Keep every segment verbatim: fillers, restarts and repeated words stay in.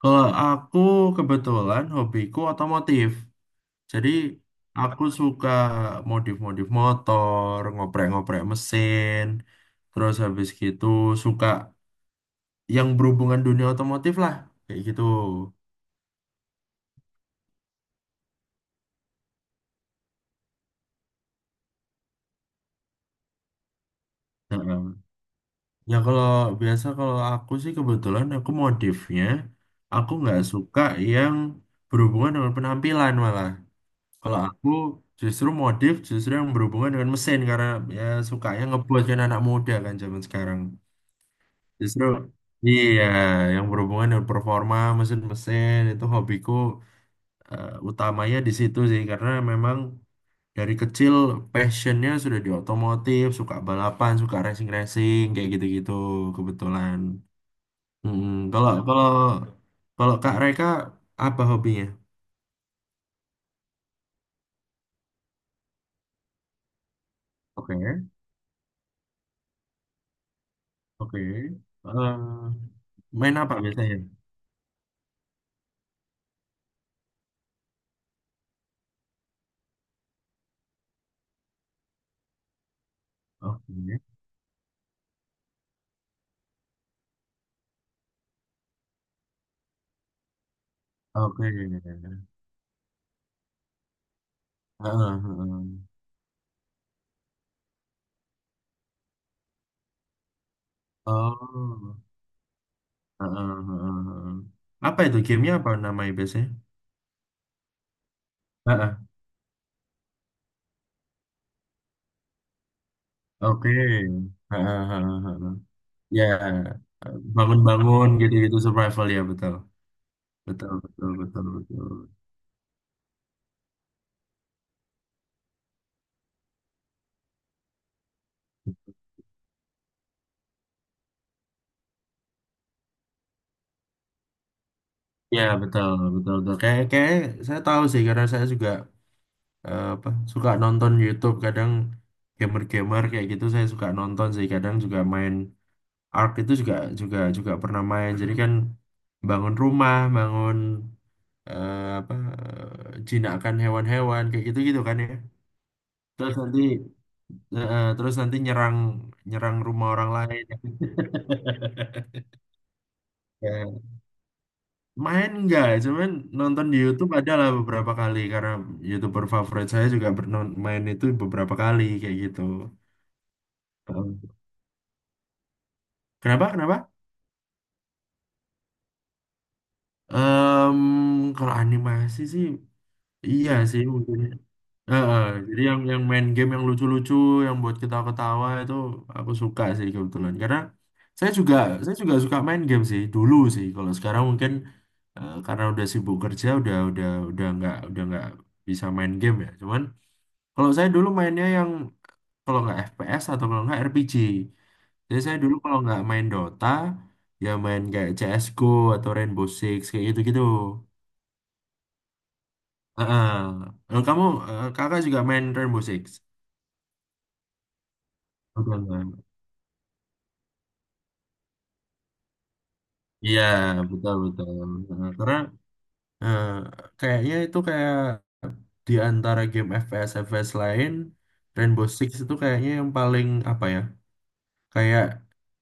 Kalau aku kebetulan hobiku otomotif. Jadi aku suka modif-modif motor, ngoprek-ngoprek mesin. Terus habis gitu suka yang berhubungan dunia otomotif lah. Kayak gitu. Heeh. Ya kalau biasa kalau aku sih kebetulan aku modifnya. Aku nggak suka yang berhubungan dengan penampilan malah. Kalau aku justru modif justru yang berhubungan dengan mesin karena ya sukanya ngebuat kan anak muda kan zaman sekarang. Justru iya yang berhubungan dengan performa mesin-mesin itu hobiku eh, utamanya di situ sih karena memang dari kecil passionnya sudah di otomotif, suka balapan, suka racing-racing kayak gitu-gitu kebetulan. Mm, kalau kalau kalau Kak Reka apa hobinya? Oke, oke. Eh, Main apa biasanya? Oke, oke. Heeh, heeh. Oh. Heeh, heeh, heeh. Apa itu gamenya apa namanya biasanya? Heeh, oke. Heeh, heeh, heeh. Ya, bangun-bangun gitu-gitu survival ya betul. Betul, betul, betul, betul. Ya, betul, betul, betul. Kayak kayak saya tahu sih karena saya juga eh, apa suka nonton YouTube kadang gamer-gamer kayak gitu saya suka nonton sih kadang juga main Ark itu juga juga juga pernah main. Jadi kan bangun rumah, bangun eh, apa eh, jinakan hewan-hewan kayak gitu-gitu kan ya. Terus nanti eh, terus nanti nyerang nyerang rumah orang lain. Ya. Main enggak, cuman nonton di YouTube adalah beberapa kali karena YouTuber favorit saya juga bernon main itu beberapa kali kayak gitu. Heeh. Kenapa? Kenapa? Em, Kalau animasi sih iya sih mungkin. Heeh, jadi yang yang main game yang lucu-lucu, yang buat kita ketawa itu aku suka sih kebetulan. Karena saya juga saya juga suka main game sih dulu sih. Kalau sekarang mungkin eh, karena udah sibuk kerja, udah udah udah nggak udah nggak bisa main game ya. Cuman kalau saya dulu mainnya yang kalau nggak F P S atau kalau nggak R P G. Jadi saya dulu kalau nggak main Dota, ya main kayak C S:G O atau Rainbow Six kayak gitu-gitu. Heeh. Kalau Kamu eh, kakak juga main Rainbow Six? Udah nggak? Iya, betul betul. Nah, karena eh, kayaknya itu kayak di antara game F P S F P S lain, Rainbow Six itu kayaknya yang paling apa ya? Kayak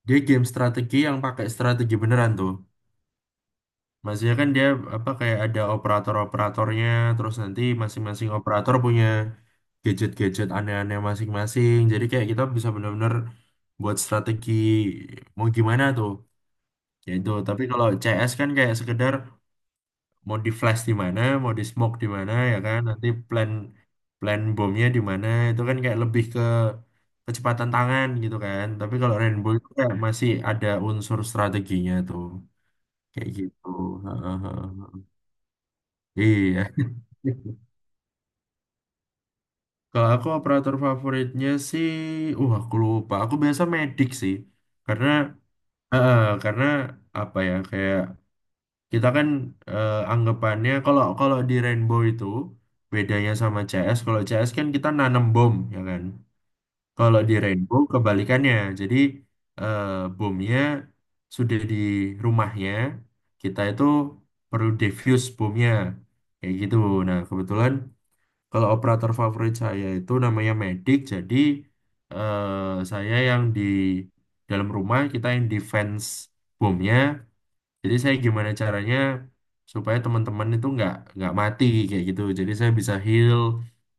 dia game strategi yang pakai strategi beneran tuh. Maksudnya kan dia apa kayak ada operator-operatornya, terus nanti masing-masing operator punya gadget-gadget aneh-aneh masing-masing. Jadi kayak kita bisa bener-bener buat strategi mau gimana tuh. Ya itu. Tapi kalau C S kan kayak sekedar mau di flash di mana, mau di smoke di mana ya kan. Nanti plan plan bomnya di mana itu kan kayak lebih ke kecepatan tangan gitu kan. Tapi kalau Rainbow itu kayak masih ada unsur strateginya tuh. Kayak gitu. Heeh, heeh, heeh. Iya. Kalau aku operator favoritnya sih, uh aku lupa. Aku biasa medik sih. Karena eh, eh, karena apa ya kayak kita kan eh, anggapannya kalau kalau di Rainbow itu bedanya sama C S, kalau C S kan kita nanam bom ya kan. Kalau di Hmm. Rainbow kebalikannya. Jadi eh, bomnya sudah di rumahnya, kita itu perlu defuse bomnya. Kayak gitu. Nah, kebetulan kalau operator favorit saya itu namanya Medic, jadi eh, saya yang di dalam rumah, kita yang defense bomnya jadi saya gimana caranya supaya teman-teman itu nggak nggak mati kayak gitu. Jadi saya bisa heal,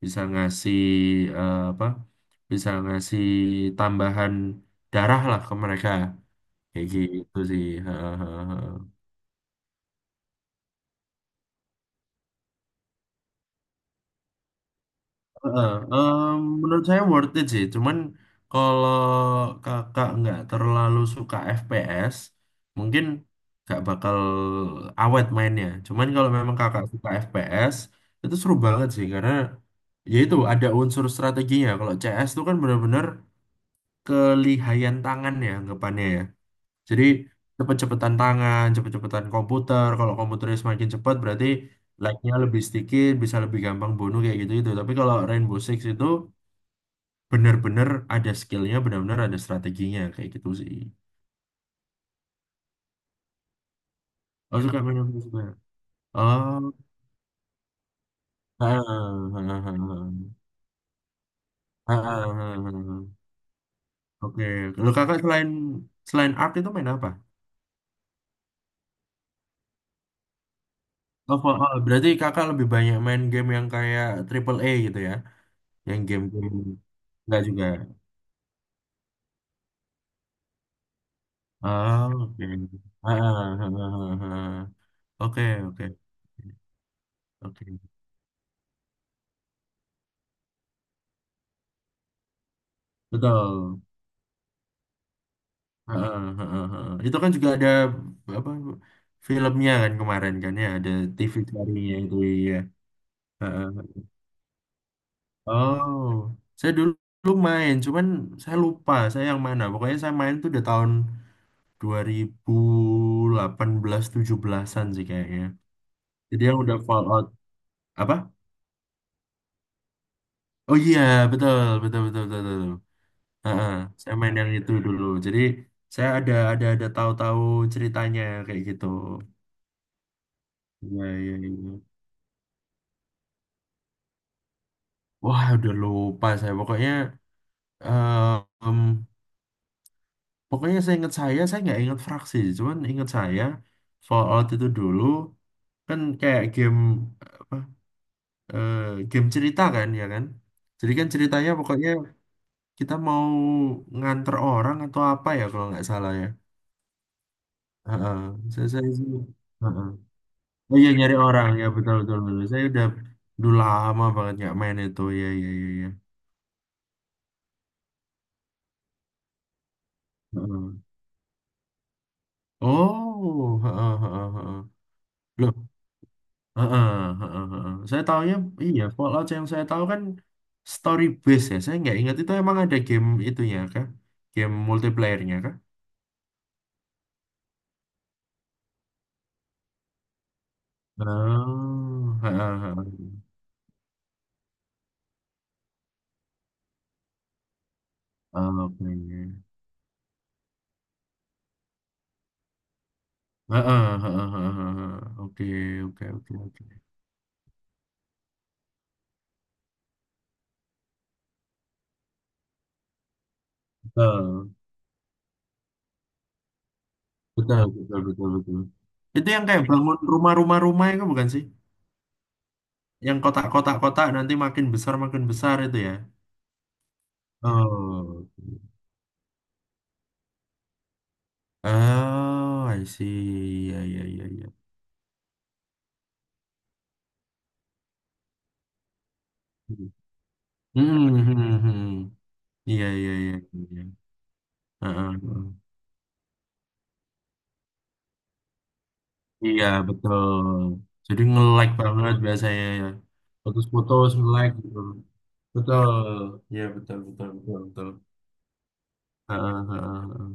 bisa ngasih eh, apa? bisa ngasih tambahan darah lah ke mereka kayak gitu sih. Heeh, em, menurut saya worth it sih. Cuman kalau kakak nggak terlalu suka F P S, mungkin nggak bakal awet mainnya. Cuman kalau memang kakak suka F P S, itu seru banget sih karena ya itu ada unsur strateginya. Kalau C S itu kan benar-benar kelihayan tangan ya anggapannya ya. Jadi cepet-cepetan tangan, cepet-cepetan komputer. Kalau komputernya semakin cepat berarti like-nya lebih sedikit, bisa lebih gampang bunuh kayak gitu itu. Tapi kalau Rainbow Six itu bener-bener ada skillnya bener-bener ada strateginya kayak gitu sih oh suka main aku suka oh ah, ah, ah, ah, ah, ah, ah, ah. Oke, kalau kakak selain selain Ark itu main apa oh, oh, oh, berarti kakak lebih banyak main game yang kayak triple A gitu ya, yang game-game enggak juga. Ah, oke. Ah, ah, ah, ah, ah, ah. Oke, oke, oke. Betul. Heeh, heeh, heeh. Itu kan juga ada apa filmnya kan kemarin kan ya ada T V serinya itu ya. Heeh. Oh, saya dulu, dulu main, cuman saya lupa saya yang mana. Pokoknya saya main tuh udah tahun dua ribu delapan belas tujuh belasan-an sih kayaknya. Jadi yang udah Fallout apa? Oh iya, betul, betul, betul, betul, betul. Heeh, saya main yang itu dulu. Jadi saya ada ada ada tahu-tahu ceritanya kayak gitu. Iya, iya, iya. Wah, udah lupa saya. Pokoknya, eh, em, pokoknya saya ingat saya, saya nggak ingat fraksi. Cuman ingat saya, Fallout itu dulu kan kayak game apa? eh, Game cerita kan, ya kan? Jadi kan ceritanya pokoknya kita mau nganter orang atau apa ya kalau nggak salah ya. Heeh. Saya, saya, saya- heeh. Oh iya nyari orang ya betul betul betul. Saya udah dulu lama banget nggak main itu ya ya ya ya. Heeh. Oh, heeh, heeh, heeh. Loh, heeh, heeh, heeh. Saya tahunya iya Fallout yang saya tahu kan story base ya. Saya nggak ingat itu emang ada game itunya kah? Game multiplayernya kah? Oh, heeh, heeh. Oh, oke. Heeh, heeh, heeh, heeh. Oke, oke, oke, oke. Betul, betul, betul, betul, betul. Itu yang kayak bangun rumah-rumah-rumah itu bukan sih? Yang kotak-kotak-kotak nanti makin besar makin besar itu ya. Oh. Oh, I see. Iya, iya, iya, iya. Hmm, hmm, hmm. Iya, iya, iya, iya. Heeh, heeh. Iya, betul. Jadi nge-like banget biasanya ya. Foto-foto nge-like gitu. Betul. Iya, betul, betul, betul, betul. Heeh, heeh, heeh.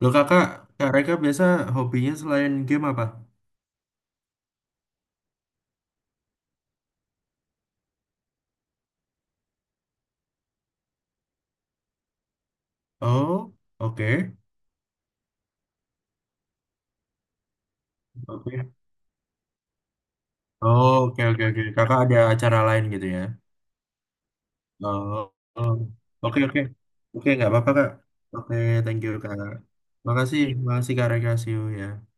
Loh kakak, Kak Reka biasa hobinya selain game apa? Oh, oke. Oke. Oh, oke, oke, oke. Kakak ada acara lain gitu ya? Oh, oh. Oke, oke, oke, nggak apa-apa kak. Oke, thank you kak. Makasih, makasih kak Rekasio ya.